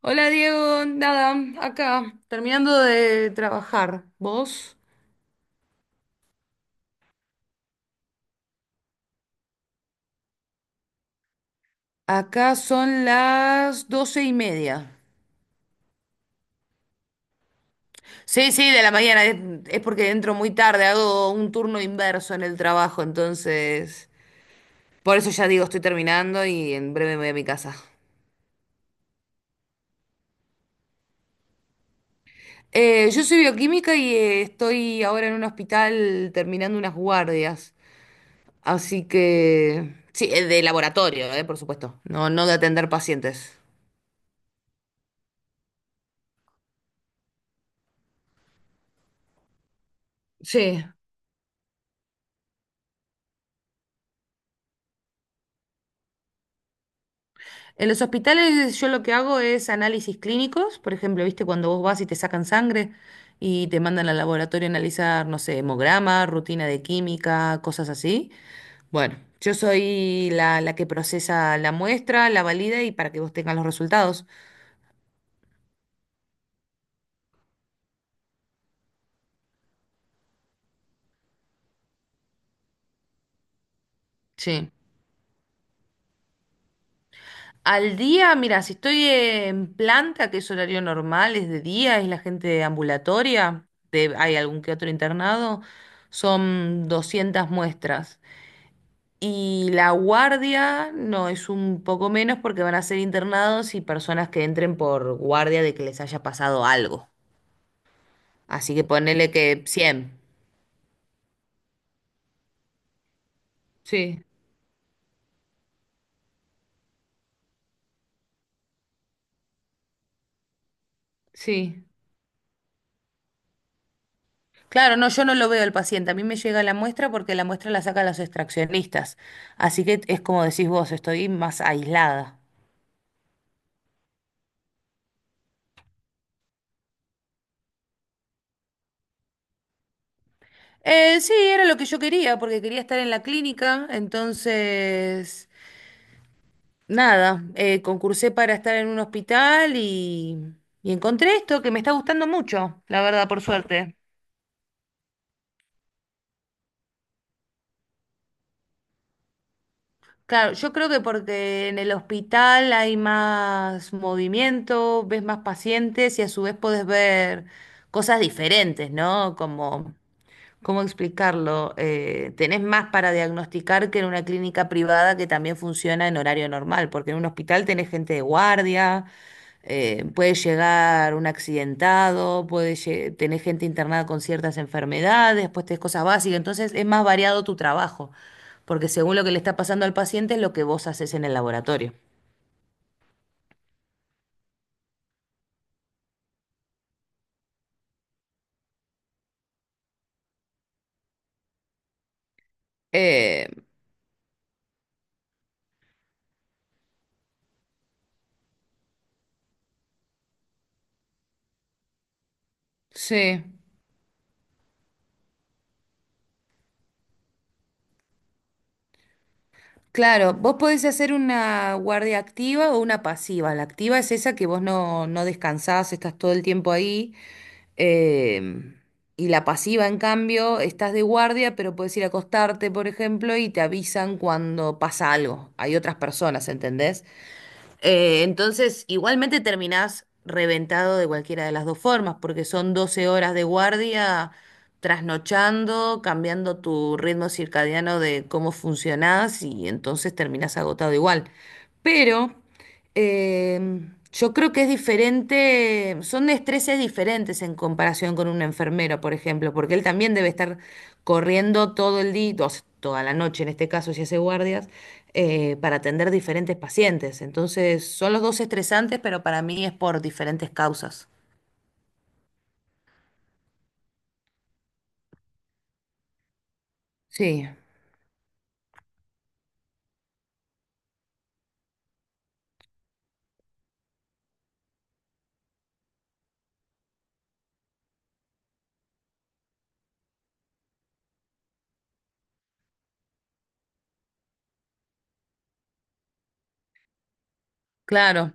Hola Diego, nada, acá, terminando de trabajar. ¿Vos? Acá son las 12:30. Sí, sí, de la mañana. Es porque entro muy tarde, hago un turno inverso en el trabajo, entonces. Por eso ya digo, estoy terminando y en breve me voy a mi casa. Yo soy bioquímica y estoy ahora en un hospital terminando unas guardias. Así que. Sí, de laboratorio, por supuesto. No, no de atender pacientes. Sí. En los hospitales yo lo que hago es análisis clínicos. Por ejemplo, viste, cuando vos vas y te sacan sangre y te mandan al laboratorio a analizar, no sé, hemograma, rutina de química, cosas así. Bueno, yo soy la que procesa la muestra, la valida y para que vos tengas los resultados. Sí. Al día, mira, si estoy en planta, que es horario normal, es de día, es la gente ambulatoria, hay algún que otro internado, son 200 muestras. Y la guardia no, es un poco menos porque van a ser internados y personas que entren por guardia de que les haya pasado algo. Así que ponele que 100. Sí, sí. Claro, no, yo no lo veo el paciente. A mí me llega la muestra porque la muestra la sacan los extraccionistas. Así que es como decís vos, estoy más aislada. Sí, era lo que yo quería, porque quería estar en la clínica, entonces. Nada, concursé para estar en un hospital y encontré esto que me está gustando mucho, la verdad, por suerte. Claro, yo creo que porque en el hospital hay más movimiento, ves más pacientes y a su vez podés ver cosas diferentes, ¿no? Como, ¿cómo explicarlo? Tenés más para diagnosticar que en una clínica privada, que también funciona en horario normal, porque en un hospital tenés gente de guardia, puede llegar un accidentado, tenés gente internada con ciertas enfermedades, después tenés cosas básicas, entonces es más variado tu trabajo, porque según lo que le está pasando al paciente es lo que vos haces en el laboratorio. Eh, sí. Claro, vos podés hacer una guardia activa o una pasiva. La activa es esa que vos no, no descansás, estás todo el tiempo ahí. em, y la pasiva, en cambio, estás de guardia, pero podés ir a acostarte, por ejemplo, y te avisan cuando pasa algo. Hay otras personas, ¿entendés? Entonces, igualmente terminás reventado de cualquiera de las dos formas, porque son 12 horas de guardia, trasnochando, cambiando tu ritmo circadiano de cómo funcionás, y entonces terminás agotado igual. Pero eh, yo creo que es diferente, son estreses diferentes en comparación con un enfermero, por ejemplo, porque él también debe estar corriendo todo el día, o sea, toda la noche en este caso, si hace guardias para atender diferentes pacientes. Entonces, son los dos estresantes, pero para mí es por diferentes causas. Sí, claro,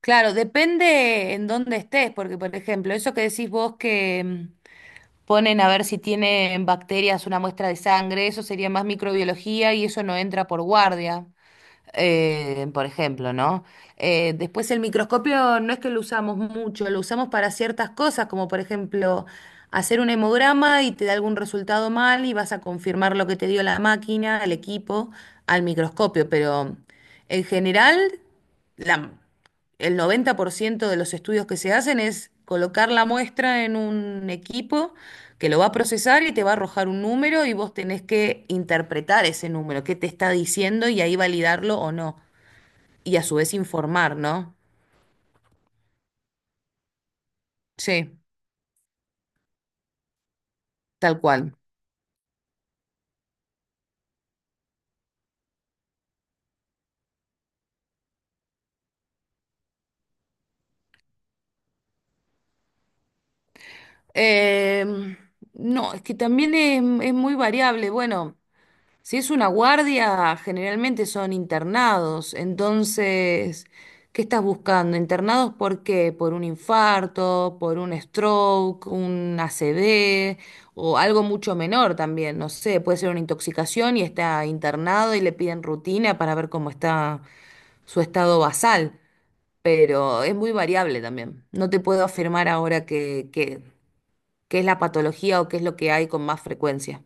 claro, depende en dónde estés, porque por ejemplo, eso que decís vos que ponen a ver si tienen bacterias una muestra de sangre, eso sería más microbiología y eso no entra por guardia. Por ejemplo, ¿no? Después el microscopio no es que lo usamos mucho, lo usamos para ciertas cosas, como por ejemplo hacer un hemograma y te da algún resultado mal y vas a confirmar lo que te dio la máquina, el equipo, al microscopio, pero en general la- el 90% de los estudios que se hacen es colocar la muestra en un equipo que lo va a procesar y te va a arrojar un número, y vos tenés que interpretar ese número, qué te está diciendo y ahí validarlo o no. Y a su vez informar, ¿no? Sí, tal cual. Em, no, es que también es muy variable. Bueno. Si es una guardia, generalmente son internados. Entonces, ¿qué estás buscando? ¿Internados por qué? ¿Por un infarto, por un stroke, un ACV o algo mucho menor también? No sé, puede ser una intoxicación y está internado y le piden rutina para ver cómo está su estado basal. Pero es muy variable también. No te puedo afirmar ahora qué qué es la patología o qué es lo que hay con más frecuencia.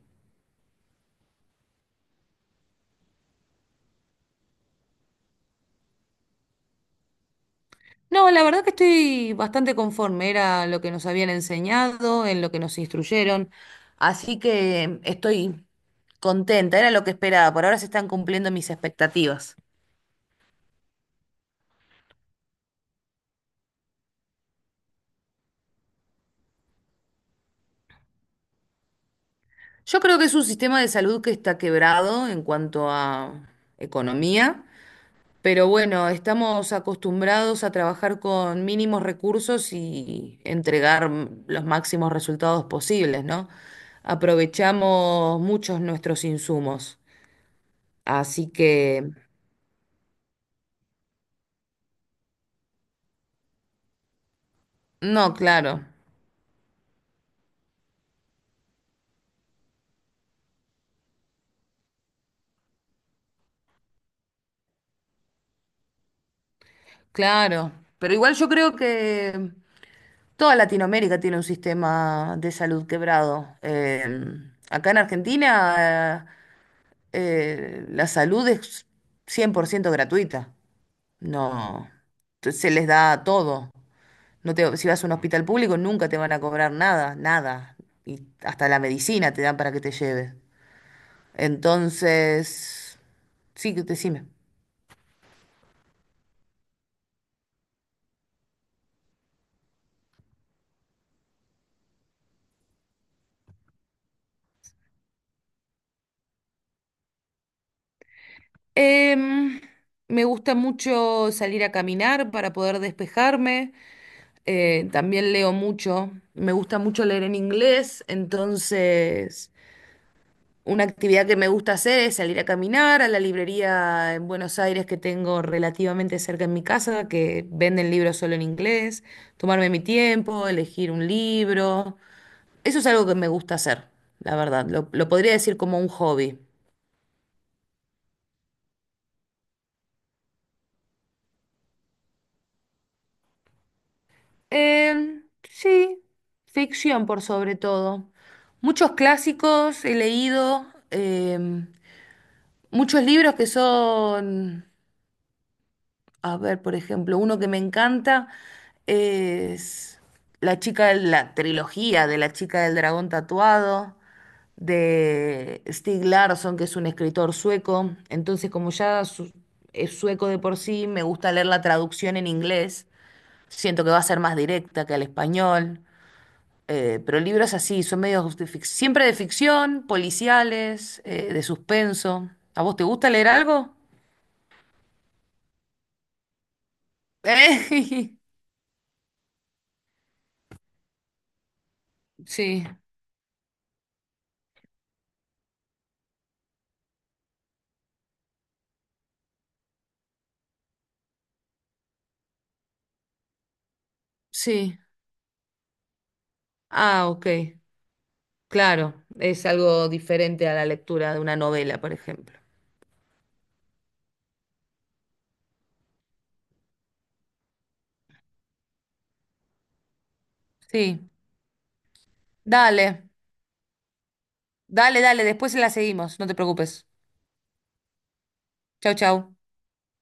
No, la verdad que estoy bastante conforme, era lo que nos habían enseñado, en lo que nos instruyeron, así que estoy contenta, era lo que esperaba, por ahora se están cumpliendo mis expectativas. Yo creo que es un sistema de salud que está quebrado en cuanto a economía, pero bueno, estamos acostumbrados a trabajar con mínimos recursos y entregar los máximos resultados posibles, ¿no? Aprovechamos muchos nuestros insumos. Así que. No, claro, claro. Pero igual yo creo que toda Latinoamérica tiene un sistema de salud quebrado. Acá en Argentina, la salud es 100% gratuita. No, se les da todo. Si vas a un hospital público, nunca te van a cobrar nada, nada. Y hasta la medicina te dan para que te lleves. Entonces, sí, decime. Em, Me gusta mucho salir a caminar para poder despejarme. También leo mucho. Me gusta mucho leer en inglés. Entonces, una actividad que me gusta hacer es salir a caminar a la librería en Buenos Aires, que tengo relativamente cerca en mi casa, que venden libros solo en inglés. Tomarme mi tiempo, elegir un libro. Eso es algo que me gusta hacer, la verdad. Lo podría decir como un hobby. Sí, ficción por sobre todo. Muchos clásicos he leído, em, muchos libros que son, a ver, por ejemplo, uno que me encanta es La chica de la trilogía de La chica del dragón tatuado, de Stig Larsson, que es un escritor sueco. Entonces, como es sueco de por sí, me gusta leer la traducción en inglés. Siento que va a ser más directa que al español. Pero libros así, son siempre de ficción, policiales, de suspenso. ¿A vos te gusta leer algo? Eh, Sí, sí. Ah, ok. Claro, es algo diferente a la lectura de una novela, por ejemplo. Sí, dale, dale, dale, después la seguimos, no te preocupes. Chau, chau.